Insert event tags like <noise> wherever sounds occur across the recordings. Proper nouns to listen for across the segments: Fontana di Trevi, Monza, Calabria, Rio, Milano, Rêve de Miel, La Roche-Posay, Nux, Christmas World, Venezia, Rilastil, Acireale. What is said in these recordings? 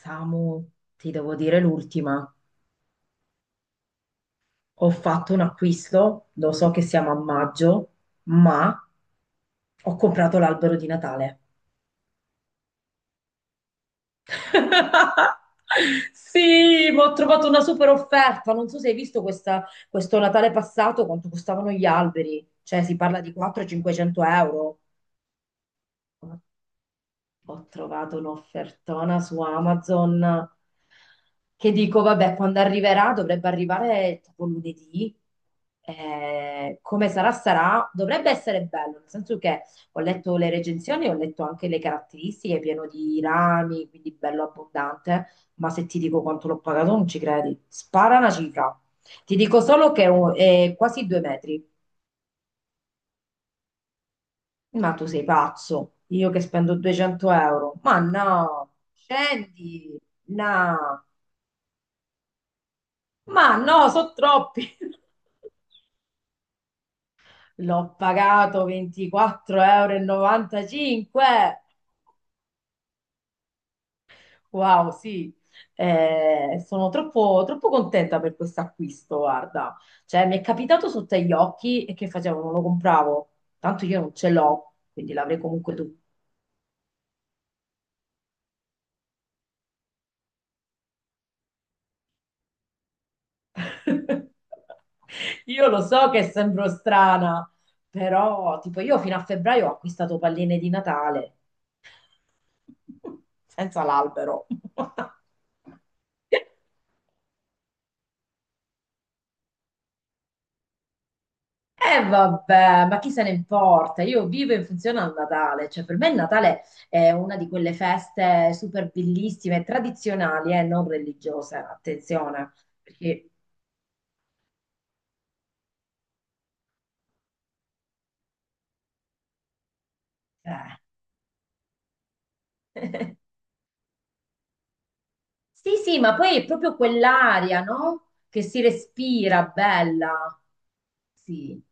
Samu, ti devo dire l'ultima. Ho fatto un acquisto, lo so che siamo a maggio, ma ho comprato l'albero di Natale. <laughs> Sì, ma ho trovato una super offerta. Non so se hai visto questo Natale passato quanto costavano gli alberi. Cioè, si parla di 400-500 euro. Ho trovato un'offertona su Amazon che dico, vabbè, quando arriverà, dovrebbe arrivare tipo lunedì. Come sarà, sarà. Dovrebbe essere bello, nel senso che ho letto le recensioni, ho letto anche le caratteristiche, pieno di rami, quindi bello abbondante. Ma se ti dico quanto l'ho pagato, non ci credi. Spara una cifra. Ti dico solo che è quasi 2 metri. Ma tu sei pazzo, io che spendo 200 euro. Ma no, scendi, no, ma no, sono troppi. <laughs> L'ho pagato 24,95 euro. Wow, sì. Sono troppo, troppo contenta per questo acquisto, guarda. Cioè, mi è capitato sotto agli occhi e che facevo? Non lo compravo, tanto io non ce l'ho, quindi l'avrei comunque. Io lo so che sembro strana, però tipo io fino a febbraio ho acquistato palline di Natale <laughs> senza l'albero. <laughs> E vabbè, ma chi se ne importa? Io vivo in funzione al Natale, cioè per me il Natale è una di quelle feste super bellissime, tradizionali e non religiose, attenzione, perché eh. Sì, sì, ma poi è proprio quell'aria, no? Che si respira bella. Sì,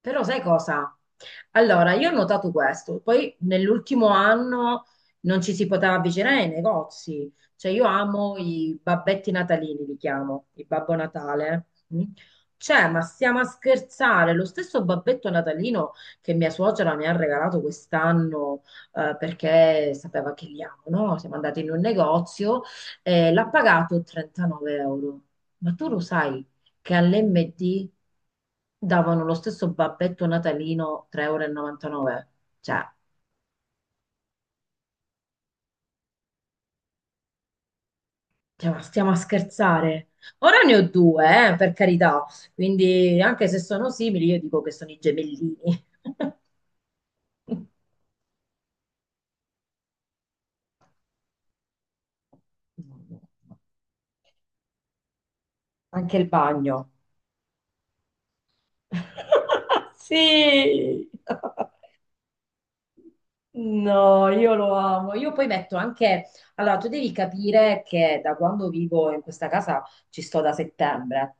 però sai cosa? Allora, io ho notato questo, poi nell'ultimo anno non ci si poteva avvicinare ai negozi, cioè io amo i babbetti natalini, li chiamo, il Babbo Natale. Mm? Cioè, ma stiamo a scherzare, lo stesso babbetto natalino che mia suocera mi ha regalato quest'anno perché sapeva che li amo, no? Siamo andati in un negozio e l'ha pagato 39 euro. Ma tu lo sai che all'MD davano lo stesso babbetto natalino 3,99 euro. E 99. Cioè, stiamo a scherzare. Ora ne ho due, per carità. Quindi, anche se sono simili, io dico che sono i gemellini. <laughs> Anche il bagno. <laughs> Sì. No, io lo amo. Io poi metto anche... Allora, tu devi capire che da quando vivo in questa casa ci sto da settembre,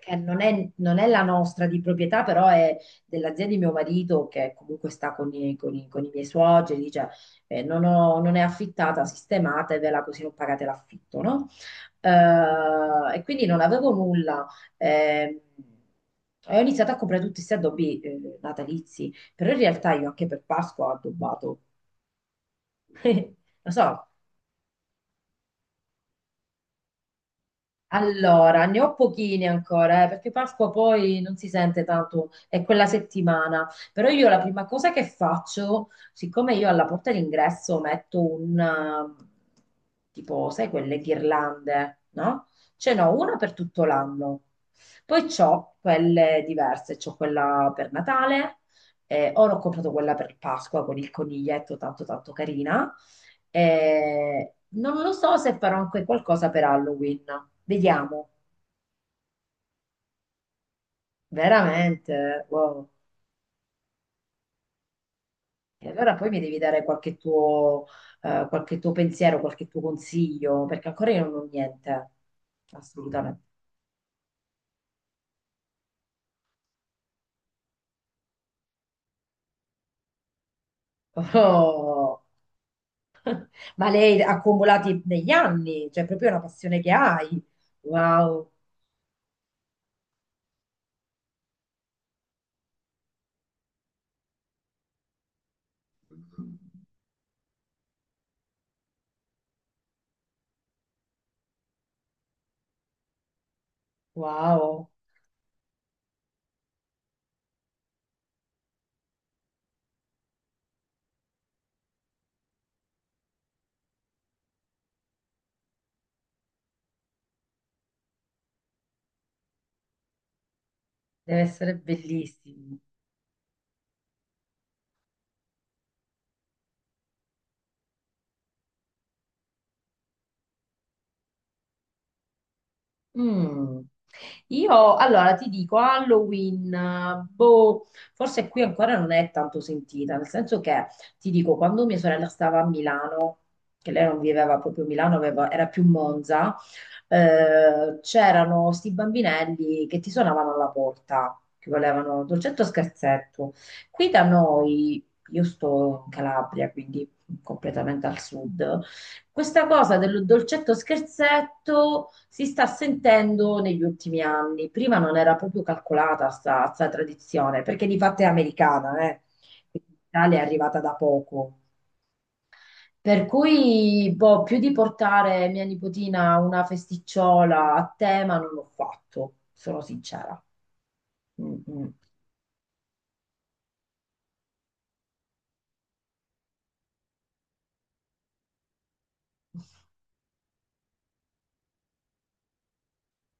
che non è la nostra di proprietà, però è dell'azienda di mio marito che comunque sta con con i miei suoceri, dice non è affittata, sistematevela così non pagate l'affitto, no? E quindi non avevo nulla. Ehm, e ho iniziato a comprare tutti questi addobbi natalizi, però in realtà io anche per Pasqua ho addobbato. <laughs> Lo so. Allora, ne ho pochine ancora, perché Pasqua poi non si sente tanto, è quella settimana. Però io la prima cosa che faccio, siccome io alla porta d'ingresso metto un, tipo, sai, quelle ghirlande, no? Ce n'ho una per tutto l'anno. Poi c'ho quelle diverse, c'ho quella per Natale, ora ho comprato quella per Pasqua con il coniglietto tanto tanto carina. Non lo so se farò anche qualcosa per Halloween. Vediamo, veramente. Wow. E allora poi mi devi dare qualche tuo pensiero, qualche tuo consiglio, perché ancora io non ho niente. Assolutamente. Oh. Ma lei ha accumulati negli anni, cioè proprio è una passione che hai. Wow, wow, deve essere bellissimo. Mm. Io allora ti dico Halloween, boh, forse qui ancora non è tanto sentita, nel senso che ti dico quando mia sorella stava a Milano, che lei non viveva proprio a Milano, era più Monza, c'erano sti bambinelli che ti suonavano alla porta, che volevano dolcetto o scherzetto. Qui da noi, io sto in Calabria, quindi completamente al sud, questa cosa del dolcetto scherzetto si sta sentendo negli ultimi anni. Prima non era proprio calcolata sta tradizione, perché di fatto è americana, eh. Quindi in Italia è arrivata da poco. Per cui, boh, più di portare mia nipotina a una festicciola a tema non l'ho fatto, sono sincera. Mm, mm.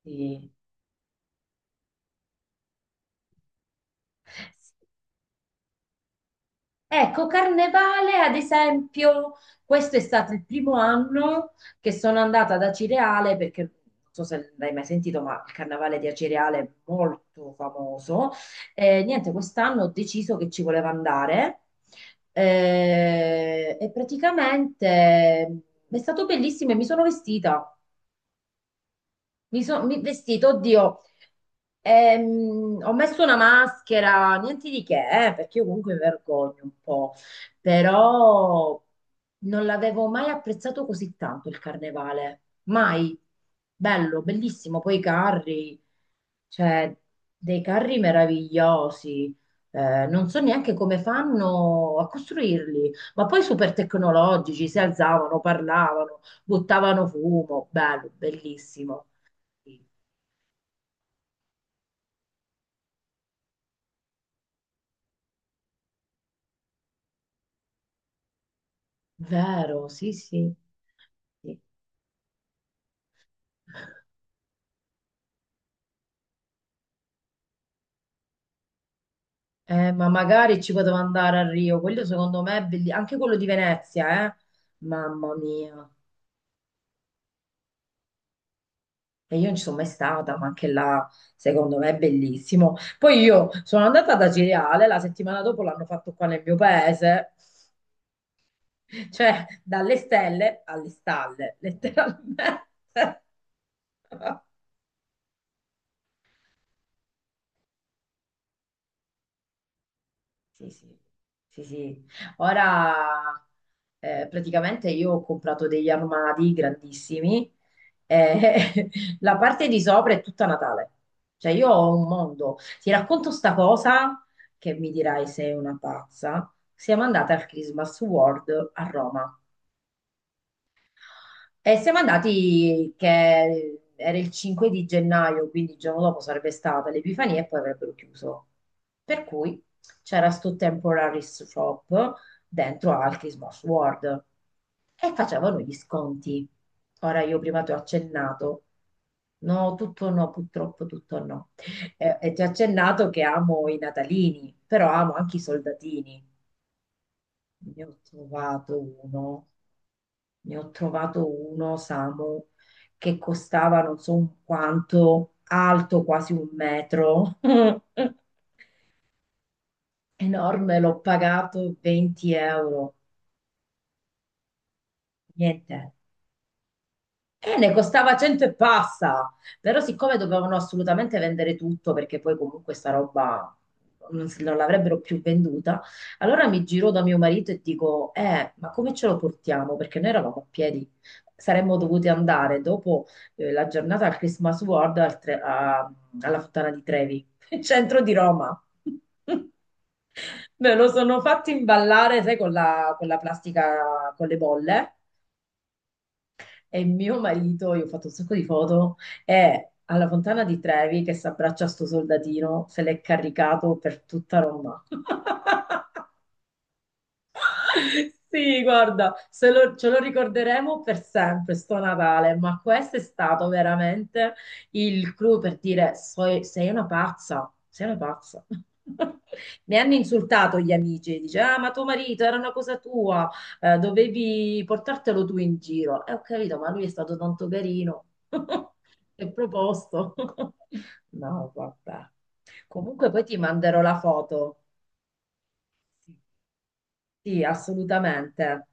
Sì. Ecco, Carnevale, ad esempio, questo è stato il primo anno che sono andata ad Acireale, perché non so se l'hai mai sentito, ma il Carnevale di Acireale è molto famoso. Niente, quest'anno ho deciso che ci voleva andare e praticamente è stato bellissimo e mi sono vestita. Mi sono vestito, oddio, ho messo una maschera, niente di che, perché io comunque mi vergogno un po', però non l'avevo mai apprezzato così tanto il carnevale, mai. Bello, bellissimo, poi i carri, cioè dei carri meravigliosi. Non so neanche come fanno a costruirli, ma poi super tecnologici, si alzavano, parlavano, buttavano fumo, bello, bellissimo. Vero, sì, sì. Sì. Ma magari ci potevo andare a Rio, quello secondo me è bellissimo, anche quello di Venezia, eh? Mamma mia. E io non ci sono mai stata, ma anche là secondo me è bellissimo. Poi io sono andata da Cireale, la settimana dopo l'hanno fatto qua nel mio paese, cioè dalle stelle alle stalle, letteralmente. <laughs> Sì, sì, sì, sì. Ora praticamente io ho comprato degli armadi grandissimi e <laughs> la parte di sopra è tutta Natale. Cioè io ho un mondo. Ti racconto sta cosa che mi dirai sei una pazza. Siamo andate al Christmas World a Roma. E siamo andati che era il 5 di gennaio, quindi il giorno dopo sarebbe stata l'Epifania e poi avrebbero chiuso. Per cui c'era sto temporary shop dentro al Christmas World e facevano gli sconti. Ora io prima ti ho accennato. No, tutto no, purtroppo tutto no. E ti ho accennato che amo i natalini, però amo anche i soldatini. Ne ho trovato uno. Ne ho trovato uno, Samu, che costava non so quanto, alto quasi un metro, <laughs> enorme, l'ho pagato 20 euro. Niente. E ne costava 100 e passa, però siccome dovevano assolutamente vendere tutto perché poi comunque sta roba non l'avrebbero più venduta, allora mi giro da mio marito e dico, ma come ce lo portiamo? Perché noi eravamo a piedi, saremmo dovuti andare dopo la giornata al Christmas World alla Fontana di Trevi, <laughs> centro di Roma. <laughs> Me lo sono fatto imballare, sai, con la plastica con le bolle. E mio marito, io ho fatto un sacco di foto, è alla Fontana di Trevi che si abbraccia a sto soldatino, se l'è caricato per tutta Roma. <laughs> Sì, guarda, se lo- ce lo ricorderemo per sempre, sto Natale, ma questo è stato veramente il clou per dire Sei una pazza, sei una pazza". <laughs> Mi hanno insultato gli amici, dice, ah, ma tuo marito era una cosa tua, dovevi portartelo tu in giro. E ho capito, ma lui è stato tanto carino, <laughs> è proposto. <laughs> No, vabbè. Comunque poi ti manderò la foto. Sì, sì, assolutamente.